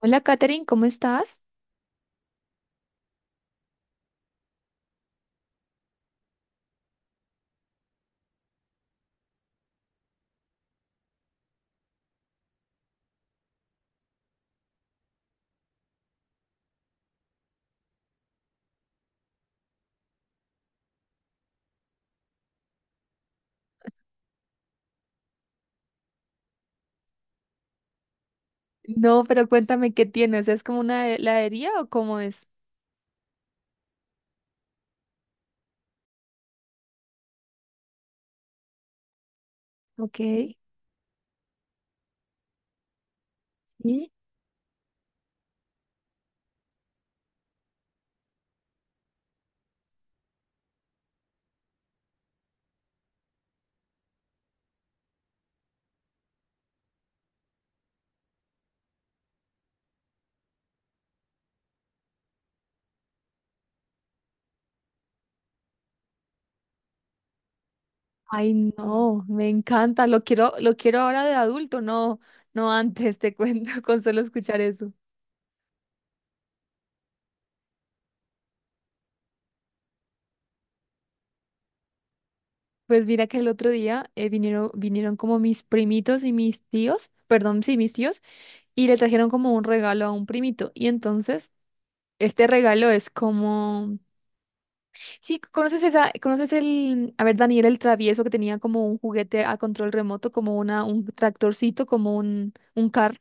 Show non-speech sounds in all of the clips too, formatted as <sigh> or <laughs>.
Hola, Katherine, ¿cómo estás? No, pero cuéntame qué tienes. ¿Es como una heladería o cómo es? Ok. Sí. Ay, no, me encanta. Lo quiero ahora de adulto, no, no antes, te cuento, <laughs> con solo escuchar eso. Pues mira que el otro día vinieron como mis primitos y mis tíos, perdón, sí, mis tíos, y le trajeron como un regalo a un primito. Y entonces, este regalo es como. Sí, conoces esa, conoces el, a ver, Daniel el Travieso, que tenía como un juguete a control remoto, como una, un tractorcito, como un carro.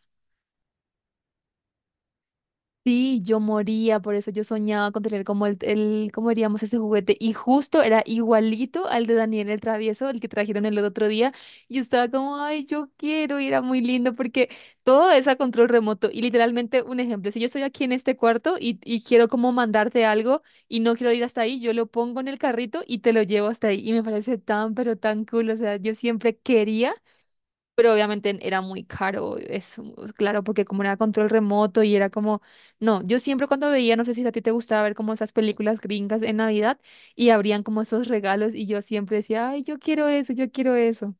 Sí, yo moría, por eso yo soñaba con tener como el, ¿cómo diríamos ese juguete? Y justo era igualito al de Daniel el Travieso, el que trajeron el otro día. Y yo estaba como, ay, yo quiero, y era muy lindo porque todo es a control remoto. Y literalmente, un ejemplo, si yo estoy aquí en este cuarto y quiero como mandarte algo y no quiero ir hasta ahí, yo lo pongo en el carrito y te lo llevo hasta ahí. Y me parece tan, pero tan cool. O sea, yo siempre quería, pero obviamente era muy caro, es pues, claro, porque como era control remoto y era como, no, yo siempre cuando veía, no sé si a ti te gustaba ver como esas películas gringas en Navidad y abrían como esos regalos y yo siempre decía, ay, yo quiero eso, yo quiero eso.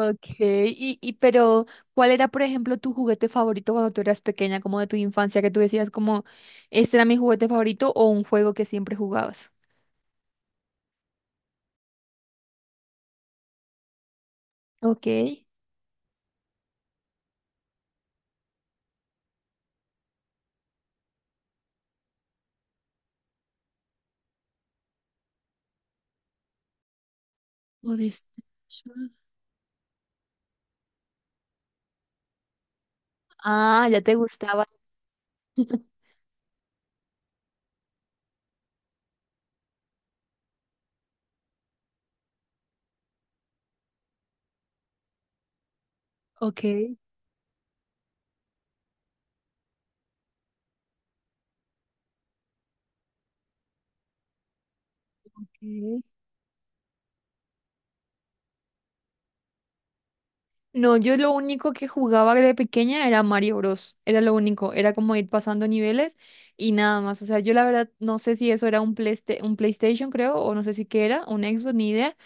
Ok, y pero ¿cuál era, por ejemplo, tu juguete favorito cuando tú eras pequeña, como de tu infancia, que tú decías como, este era mi juguete favorito o un juego que siempre jugabas? Ok. PlayStation. Ah, ya te gustaba. <laughs> Ok. Ok. No, yo lo único que jugaba de pequeña era Mario Bros. Era lo único, era como ir pasando niveles y nada más. O sea, yo la verdad no sé si eso era un Playste- un PlayStation, creo, o no sé si qué era, un Xbox, ni idea.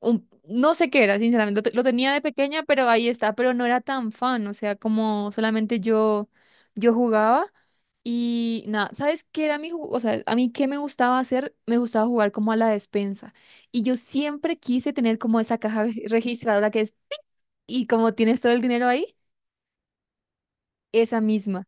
Un, no sé qué era, sinceramente. Lo, te- lo tenía de pequeña, pero ahí está, pero no era tan fan. O sea, como solamente yo, yo jugaba y nada. ¿Sabes qué era mi ju- O sea, a mí qué me gustaba hacer? Me gustaba jugar como a la despensa. Y yo siempre quise tener como esa caja re- registradora que, y como tienes todo el dinero ahí, esa misma.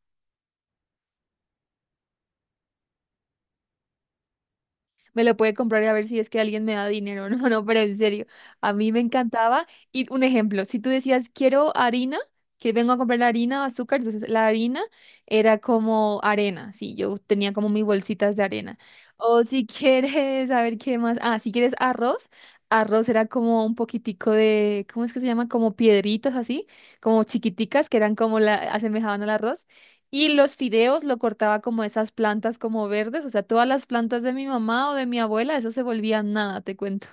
Me lo puede comprar y a ver si es que alguien me da dinero. <laughs> No, no, pero en serio, a mí me encantaba. Y un ejemplo, si tú decías, quiero harina, que vengo a comprar la harina, azúcar, entonces la harina era como arena, sí, yo tenía como mis bolsitas de arena. O si <laughs> quieres, a ver qué más, ah, si quieres arroz, arroz era como un poquitico de, ¿cómo es que se llama? Como piedritas así, como chiquiticas que eran como la, asemejaban al arroz. Y los fideos lo cortaba como esas plantas como verdes, o sea, todas las plantas de mi mamá o de mi abuela, eso se volvía nada, te cuento,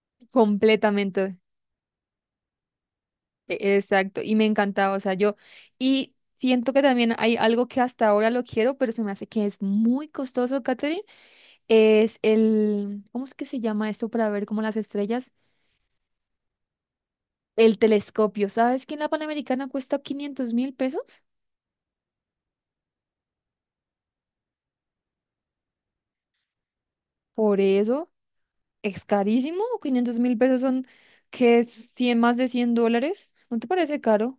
<laughs> completamente. E- Exacto, y me encantaba, o sea, yo, y siento que también hay algo que hasta ahora lo quiero, pero se me hace que es muy costoso, Katherine, es el, ¿cómo es que se llama esto para ver como las estrellas? El telescopio, ¿sabes que en la Panamericana cuesta 500.000 pesos? Por eso, es carísimo. 500.000 pesos son, que es 100 más de 100 dólares. ¿No te parece caro?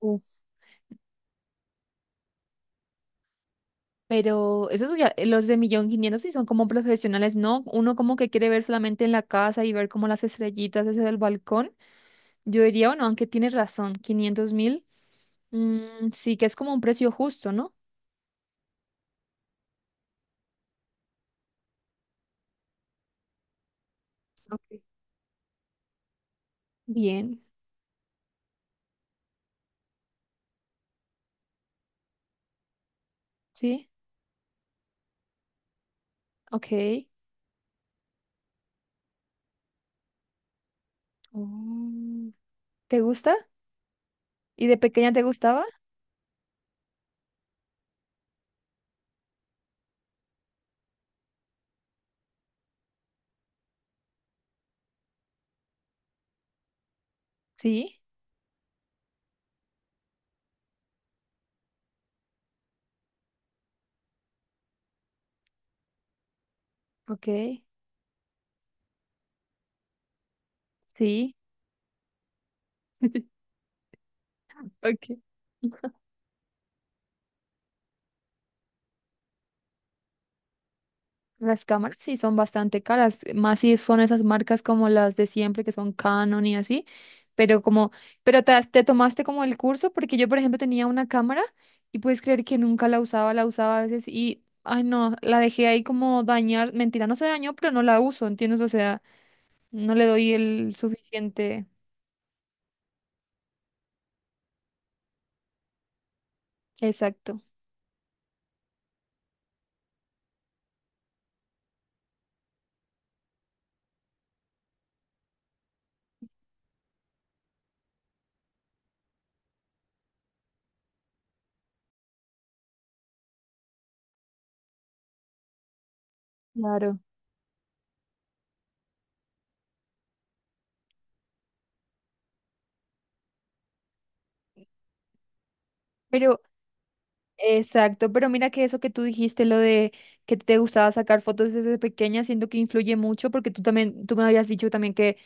Uf, pero esos ya- los de 1.500.000 sí son como profesionales, ¿no? Uno como que quiere ver solamente en la casa y ver como las estrellitas desde el balcón. Yo diría, bueno, aunque tienes razón, 500.000, sí que es como un precio justo, ¿no? Ok. Bien, sí, ok. Mm. ¿Te gusta? ¿Y de pequeña te gustaba? Sí, ok, sí, <laughs> ok. <laughs> Las cámaras sí son bastante caras, más si son esas marcas como las de siempre que son Canon y así, pero como, pero te, has- te tomaste como el curso, porque yo por ejemplo tenía una cámara y puedes creer que nunca la usaba, la usaba a veces y, ay no, la dejé ahí como dañar, mentira, no se dañó, pero no la uso, ¿entiendes? O sea, no le doy el suficiente. Exacto. Claro. Pero exacto, pero mira que eso que tú dijiste, lo de que te gustaba sacar fotos desde pequeña, siento que influye mucho porque tú también, tú me habías dicho también que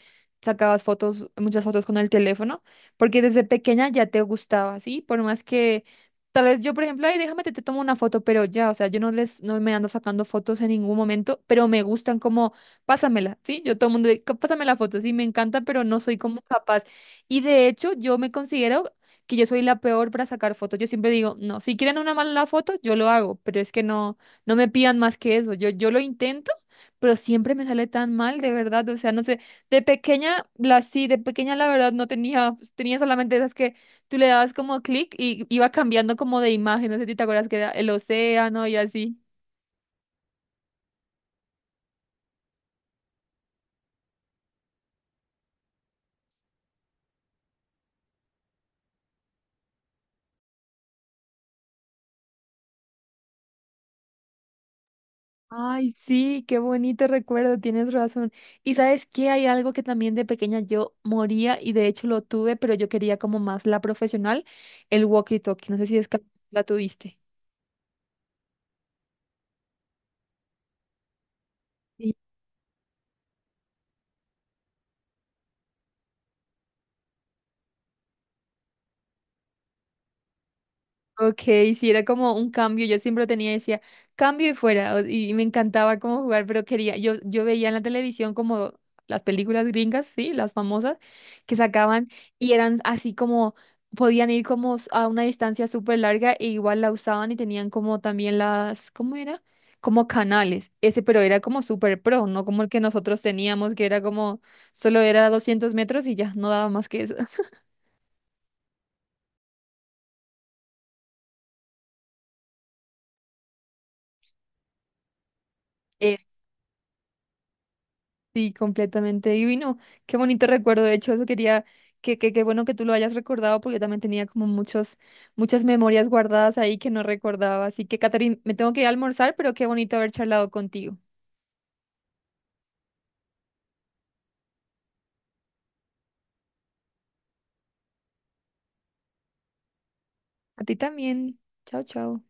sacabas fotos, muchas fotos con el teléfono, porque desde pequeña ya te gustaba, ¿sí? Por más que tal vez yo, por ejemplo, ay, déjame te, te tomo una foto, pero ya, o sea, yo no les, no me ando sacando fotos en ningún momento, pero me gustan como, pásamela, ¿sí? Yo todo el mundo, de, "Cá- pásame la foto, sí, me encanta, pero no soy como capaz. Y de hecho, yo me considero que yo soy la peor para sacar fotos. Yo siempre digo, no, si quieren una mala foto, yo lo hago, pero es que no, no me pidan más que eso. Yo lo intento, pero siempre me sale tan mal, de verdad. O sea, no sé, de pequeña, la sí, de pequeña la verdad no tenía, pues, tenía solamente esas que tú le dabas como clic y iba cambiando como de imagen. No sé si te acuerdas que era el océano y así. Ay, sí, qué bonito recuerdo, tienes razón. Y sabes que hay algo que también de pequeña yo moría y de hecho lo tuve, pero yo quería como más la profesional, el walkie-talkie. No sé si es que la tuviste. Ok, sí, era como un cambio, yo siempre lo tenía, decía, cambio y fuera, o- y me encantaba como jugar, pero quería, yo veía en la televisión como las películas gringas, sí, las famosas, que sacaban y eran así como, podían ir como s- a una distancia súper larga e igual la usaban y tenían como también las, ¿cómo era? Como canales, ese, pero era como súper pro, no como el que nosotros teníamos, que era como, solo era 200 metros y ya, no daba más que eso. <laughs> Sí, completamente. Y uy, no, qué bonito recuerdo. De hecho, eso quería, que, qué bueno que tú lo hayas recordado, porque yo también tenía como muchos, muchas memorias guardadas ahí que no recordaba. Así que, Catherine, me tengo que ir a almorzar, pero qué bonito haber charlado contigo. A ti también. Chao, chao.